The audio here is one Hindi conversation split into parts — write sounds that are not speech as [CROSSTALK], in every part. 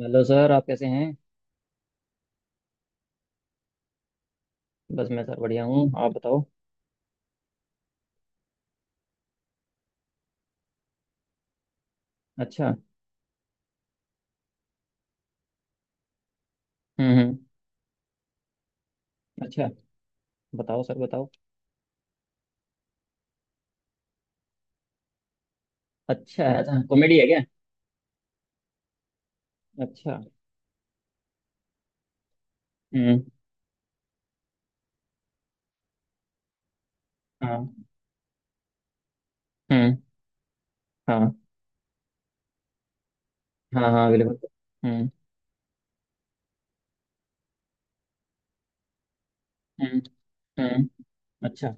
हेलो सर, आप कैसे हैं? बस मैं सर बढ़िया हूँ, आप बताओ। अच्छा। हम्म, हम्म। अच्छा, बताओ सर, बताओ। अच्छा है। अच्छा, कॉमेडी है क्या? अच्छा। हम्म। हाँ। हम्म। हाँ, हाँ, हाँ, बिल्कुल। हम्म, हम्म। हम्म। अच्छा।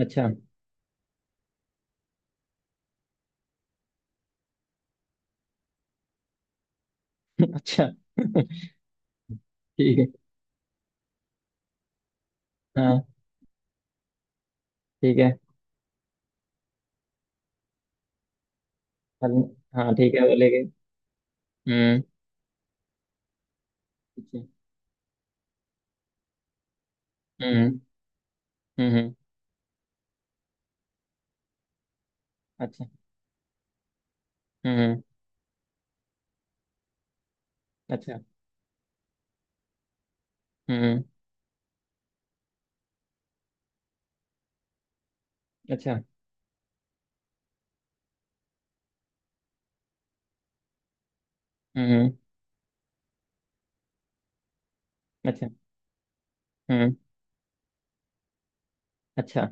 अच्छा। [LAUGHS] अच्छा। ठीक है। हाँ, ठीक है। हल- हाँ, ठीक है, वो लेके। हम्म। अच्छा, हम्म, हम्म। अच्छा। हम्म, अच्छा। हम्म। अच्छा। हम्म, अच्छा। हम्म। अच्छा।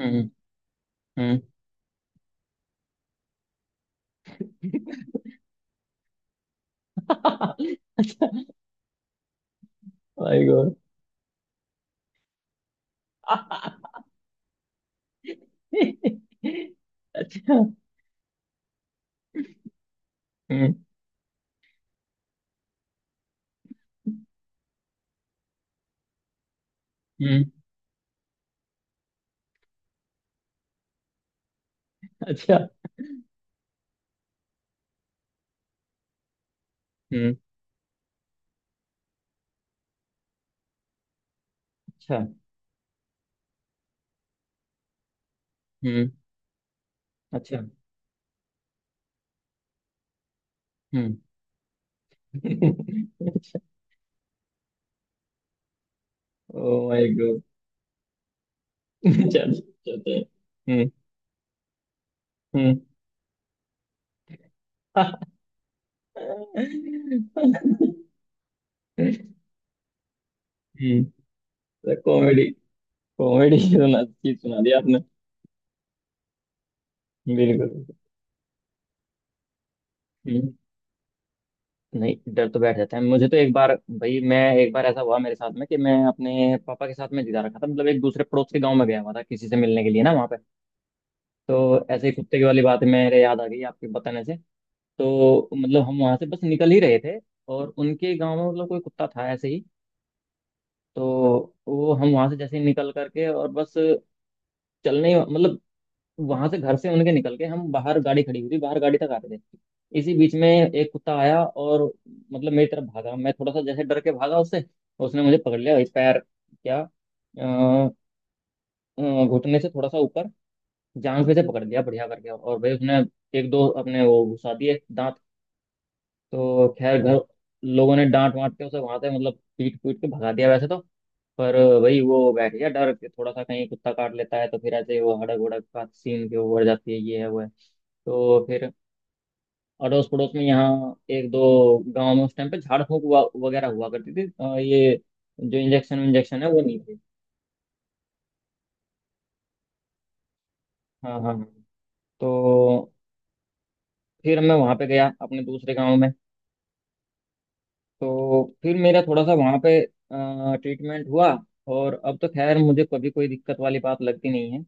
हम्म, हम्म। [LAUGHS] अच्छा। My god. अच्छा। हम्म, हम्म। अच्छा। हम्म। अच्छा। हम्म। अच्छा। हम्म। अच्छा। [LAUGHS] ओ माय गॉड। अच्छा, अच्छा, अच्छा, [LAUGHS] हम्म, हम्म। कॉमेडी। कॉमेडी। [LAUGHS] सुना, अच्छी सुना दी आपने। बिल्कुल बिल्कुल। हम्म, नहीं, डर तो बैठ जाता है। मुझे तो एक बार, भाई मैं एक बार ऐसा हुआ मेरे साथ में, कि मैं अपने पापा के साथ में जिता रखा था मतलब, एक दूसरे पड़ोस के गांव में गया हुआ था किसी से मिलने के लिए ना, वहाँ पे। तो ऐसे ही कुत्ते की वाली बात मेरे याद आ गई आपके बताने से। तो मतलब हम वहां से बस निकल ही रहे थे, और उनके गांव में मतलब कोई कुत्ता था ऐसे ही। तो वो हम वहां से जैसे ही निकल करके और बस मतलब, वहां से घर से उनके निकल के हम बाहर, गाड़ी खड़ी हुई थी बाहर, गाड़ी तक आ रहे थे। इसी बीच में एक कुत्ता आया और मतलब मेरी तरफ भागा, मैं थोड़ा सा जैसे डर के भागा उससे। उसने मुझे पकड़ लिया इस पैर क्या, अ, घुटने से थोड़ा सा ऊपर, जांग पे से पकड़ लिया बढ़िया करके, और भाई उसने एक दो अपने वो घुसा दिए दांत। तो खैर घर, लोगों ने डांट वांट के उसे वहां से मतलब पीट पीट के भगा दिया वैसे तो। पर भाई वो बैठ गया डर के थोड़ा सा, कहीं कुत्ता काट लेता है तो फिर ऐसे वो हड़क उड़क का सीन के ऊपर जाती है, ये है वो है। तो फिर अड़ोस पड़ोस में यहाँ एक दो गांव में उस टाइम पे झाड़ फूंक हुआ वगैरह हुआ करती थी, ये जो इंजेक्शन इंजेक्शन है वो नहीं थे। हाँ हाँ हाँ। तो फिर मैं वहां पे गया अपने दूसरे गांव में, तो फिर मेरा थोड़ा सा वहाँ पे ट्रीटमेंट हुआ। और अब तो खैर मुझे कभी कोई दिक्कत वाली बात लगती नहीं है,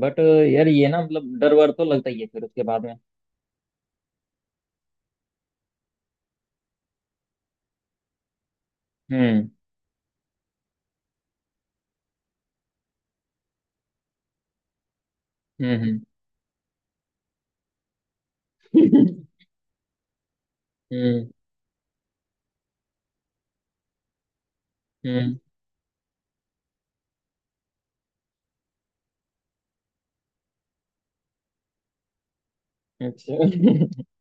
बट यार ये ना मतलब डर वर तो लगता ही है फिर उसके बाद में। हम्म, हम्म, हम्म। [LAUGHS] हम्म, हम्म, अच्छा। [LAUGHS]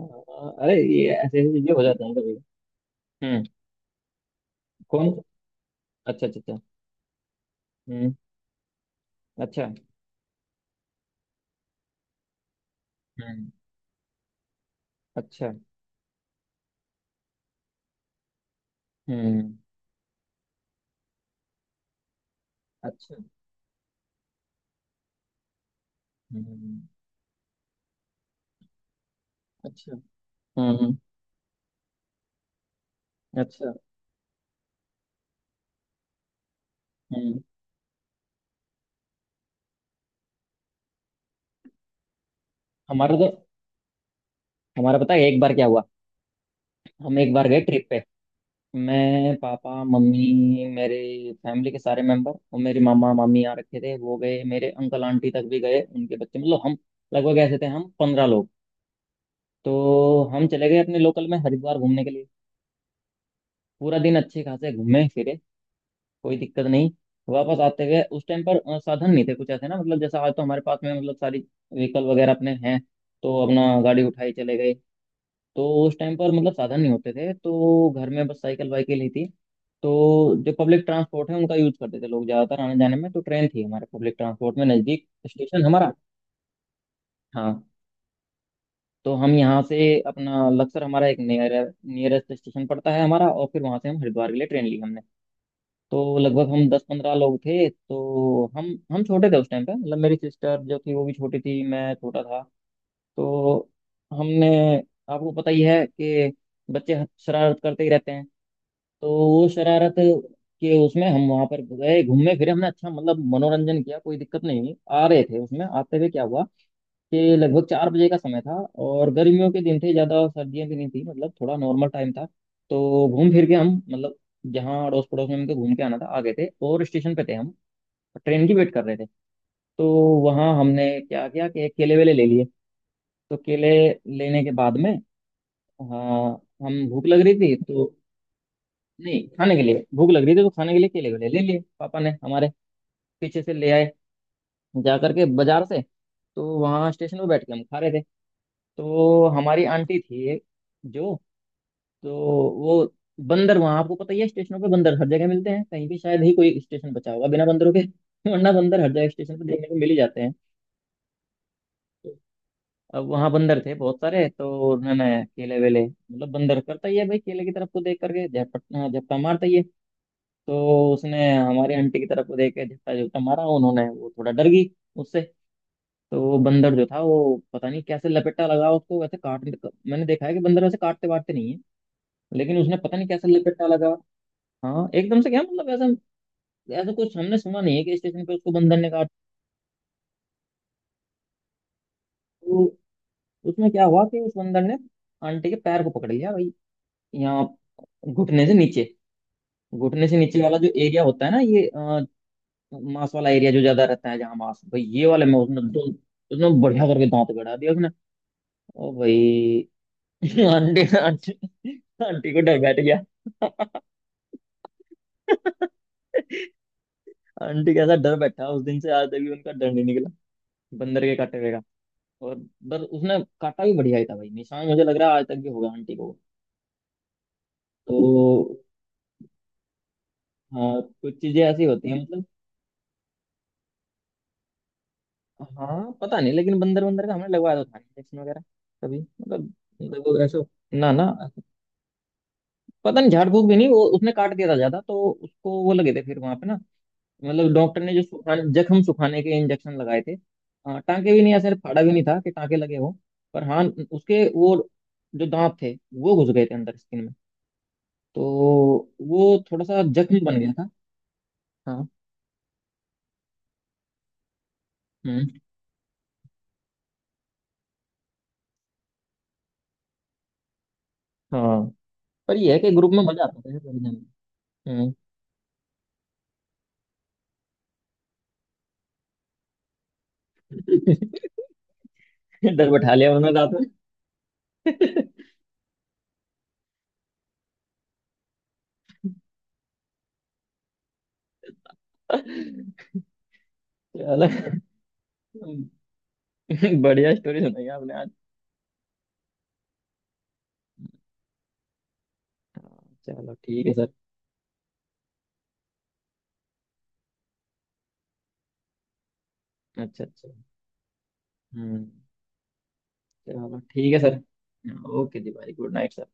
हाँ, अरे ये ऐसे ऐसी चीजें हो जाती हैं कभी। हम्म। कौन? अच्छा, अच्छा, अच्छा। हम्म। अच्छा। हम्म। अच्छा। हम्म। अच्छा। हम्म। अच्छा। हम्म, अच्छा। हम्म। हमारा तो हमारा पता है एक बार क्या हुआ। हम एक बार गए ट्रिप पे, मैं, पापा, मम्मी, मेरे फैमिली के सारे मेंबर, और मेरे मामा मामी आ रखे थे वो गए, मेरे अंकल आंटी तक भी गए, उनके बच्चे, मतलब हम लगभग ऐसे थे हम 15 लोग। तो हम चले गए अपने लोकल में हरिद्वार घूमने के लिए। पूरा दिन अच्छे खासे घूमे फिरे, कोई दिक्कत नहीं। वापस आते हुए उस टाइम पर साधन नहीं थे कुछ ऐसे ना, मतलब जैसा आज तो हमारे पास में मतलब सारी व्हीकल वगैरह अपने हैं, तो अपना गाड़ी उठाई चले गए। तो उस टाइम पर मतलब साधन नहीं होते थे, तो घर में बस साइकिल वाइकिल ही थी। तो जो पब्लिक ट्रांसपोर्ट है उनका यूज करते थे लोग ज्यादातर आने जाने में, तो ट्रेन थी हमारे पब्लिक ट्रांसपोर्ट में, नजदीक स्टेशन हमारा। हाँ, तो हम यहाँ से अपना लक्सर हमारा एक नियरेस्ट स्टेशन पड़ता है हमारा, और फिर वहां से हम हरिद्वार के लिए ट्रेन ली हमने। तो लगभग हम 10-15 लोग थे। तो हम छोटे थे उस टाइम पे, मतलब मेरी सिस्टर जो थी वो भी छोटी थी, मैं छोटा था। तो हमने, आपको पता ही है कि बच्चे शरारत करते ही रहते हैं। तो वो शरारत के उसमें हम वहां पर गए, घूमे फिरे, हमने अच्छा मतलब मनोरंजन किया, कोई दिक्कत नहीं हुई। आ रहे थे, उसमें आते हुए क्या हुआ कि लगभग 4 बजे का समय था, और गर्मियों के दिन थे, ज्यादा सर्दियां भी नहीं थी, मतलब थोड़ा नॉर्मल टाइम था। तो घूम फिर के हम मतलब, जहाँ अड़ोस पड़ोस में हमको घूम के आना था आ गए थे, और स्टेशन पे थे हम, ट्रेन की वेट कर रहे थे। तो वहाँ हमने क्या किया कि केले वेले ले लिए। तो केले लेने के बाद में, हाँ, हम भूख लग रही थी तो, नहीं, खाने के लिए भूख लग रही थी तो खाने के लिए केले वेले ले लिए पापा ने हमारे, पीछे से ले आए जा करके बाजार से। तो वहाँ स्टेशन पे बैठ के हम खा रहे थे। तो हमारी आंटी थी एक जो, तो वो, बंदर वहाँ, आपको पता ही है स्टेशनों पे बंदर हर जगह मिलते हैं, कहीं भी शायद ही कोई स्टेशन बचा होगा बिना बंदरों के। [LAUGHS] वरना बंदर हर जगह स्टेशन पे देखने को मिल ही जाते हैं। तो अब वहाँ बंदर थे बहुत सारे, तो उन्होंने केले वेले, मतलब बंदर करता ही है भाई केले की तरफ को देख करके झपटा मारता ही है। तो उसने हमारी आंटी की तरफ को देख के झपटा झपटा मारा, उन्होंने वो थोड़ा डर गई उससे। तो वो बंदर जो था वो, पता नहीं कैसे लपेटा लगा उसको वैसे काट। मैंने देखा है कि बंदर वैसे काटते वाटते नहीं है, लेकिन उसने पता नहीं कैसे लपेटा लगा। हाँ, एकदम से क्या मतलब, ऐसा ऐसा कुछ हमने सुना नहीं है कि स्टेशन पे उसको बंदर ने काट। तो उसमें क्या हुआ कि उस बंदर ने आंटी के पैर को पकड़ लिया भाई, यहाँ घुटने से नीचे, घुटने से नीचे वाला जो एरिया होता है ना ये, मांस वाला एरिया जो ज्यादा रहता है, जहाँ मांस, भाई ये वाले में उसने दो, उसने बढ़िया करके दांत गड़ा दिया उसने। ओ भाई! [LAUGHS] आंटी, आंटी, आंटी को डर बैठ गया। [LAUGHS] आंटी कैसा डर बैठा, उस दिन से आज तक भी उनका डर नहीं निकला बंदर के काटे हुए का। और बस, उसने काटा भी बढ़िया ही था भाई, निशान मुझे लग रहा है आज तक भी होगा आंटी को। तो हाँ, कुछ चीजें ऐसी होती हैं मतलब। हाँ, पता नहीं, लेकिन बंदर, बंदर का हमने लगवाया तो था इंजेक्शन वगैरह, कभी मतलब, लगभग ऐसा। ना ना, पता नहीं, झाड़ फूक भी नहीं, वो उसने काट दिया था ज्यादा तो उसको वो लगे थे फिर वहां पे ना, मतलब डॉक्टर ने जो सुखाने जख्म सुखाने के इंजेक्शन लगाए थे। हाँ, टांके भी नहीं, ऐसे फाड़ा भी नहीं था कि टांके लगे हो। पर हाँ, उसके वो जो दांत थे वो घुस गए थे अंदर स्किन में, तो वो थोड़ा सा जख्म बन गया था। हाँ। हम्म। हाँ, पर ये है कि ग्रुप में मजा आता था यार बढ़िया में। हम्म। [LAUGHS] डर बैठा लिया उन्होंने रात में। [LAUGHS] चलो, [LAUGHS] बढ़िया स्टोरी सुनाई आपने आज। हाँ, चलो ठीक है सर। अच्छा, अच्छा। हम्म। चलो ठीक है सर। ओके जी भाई, गुड नाइट सर।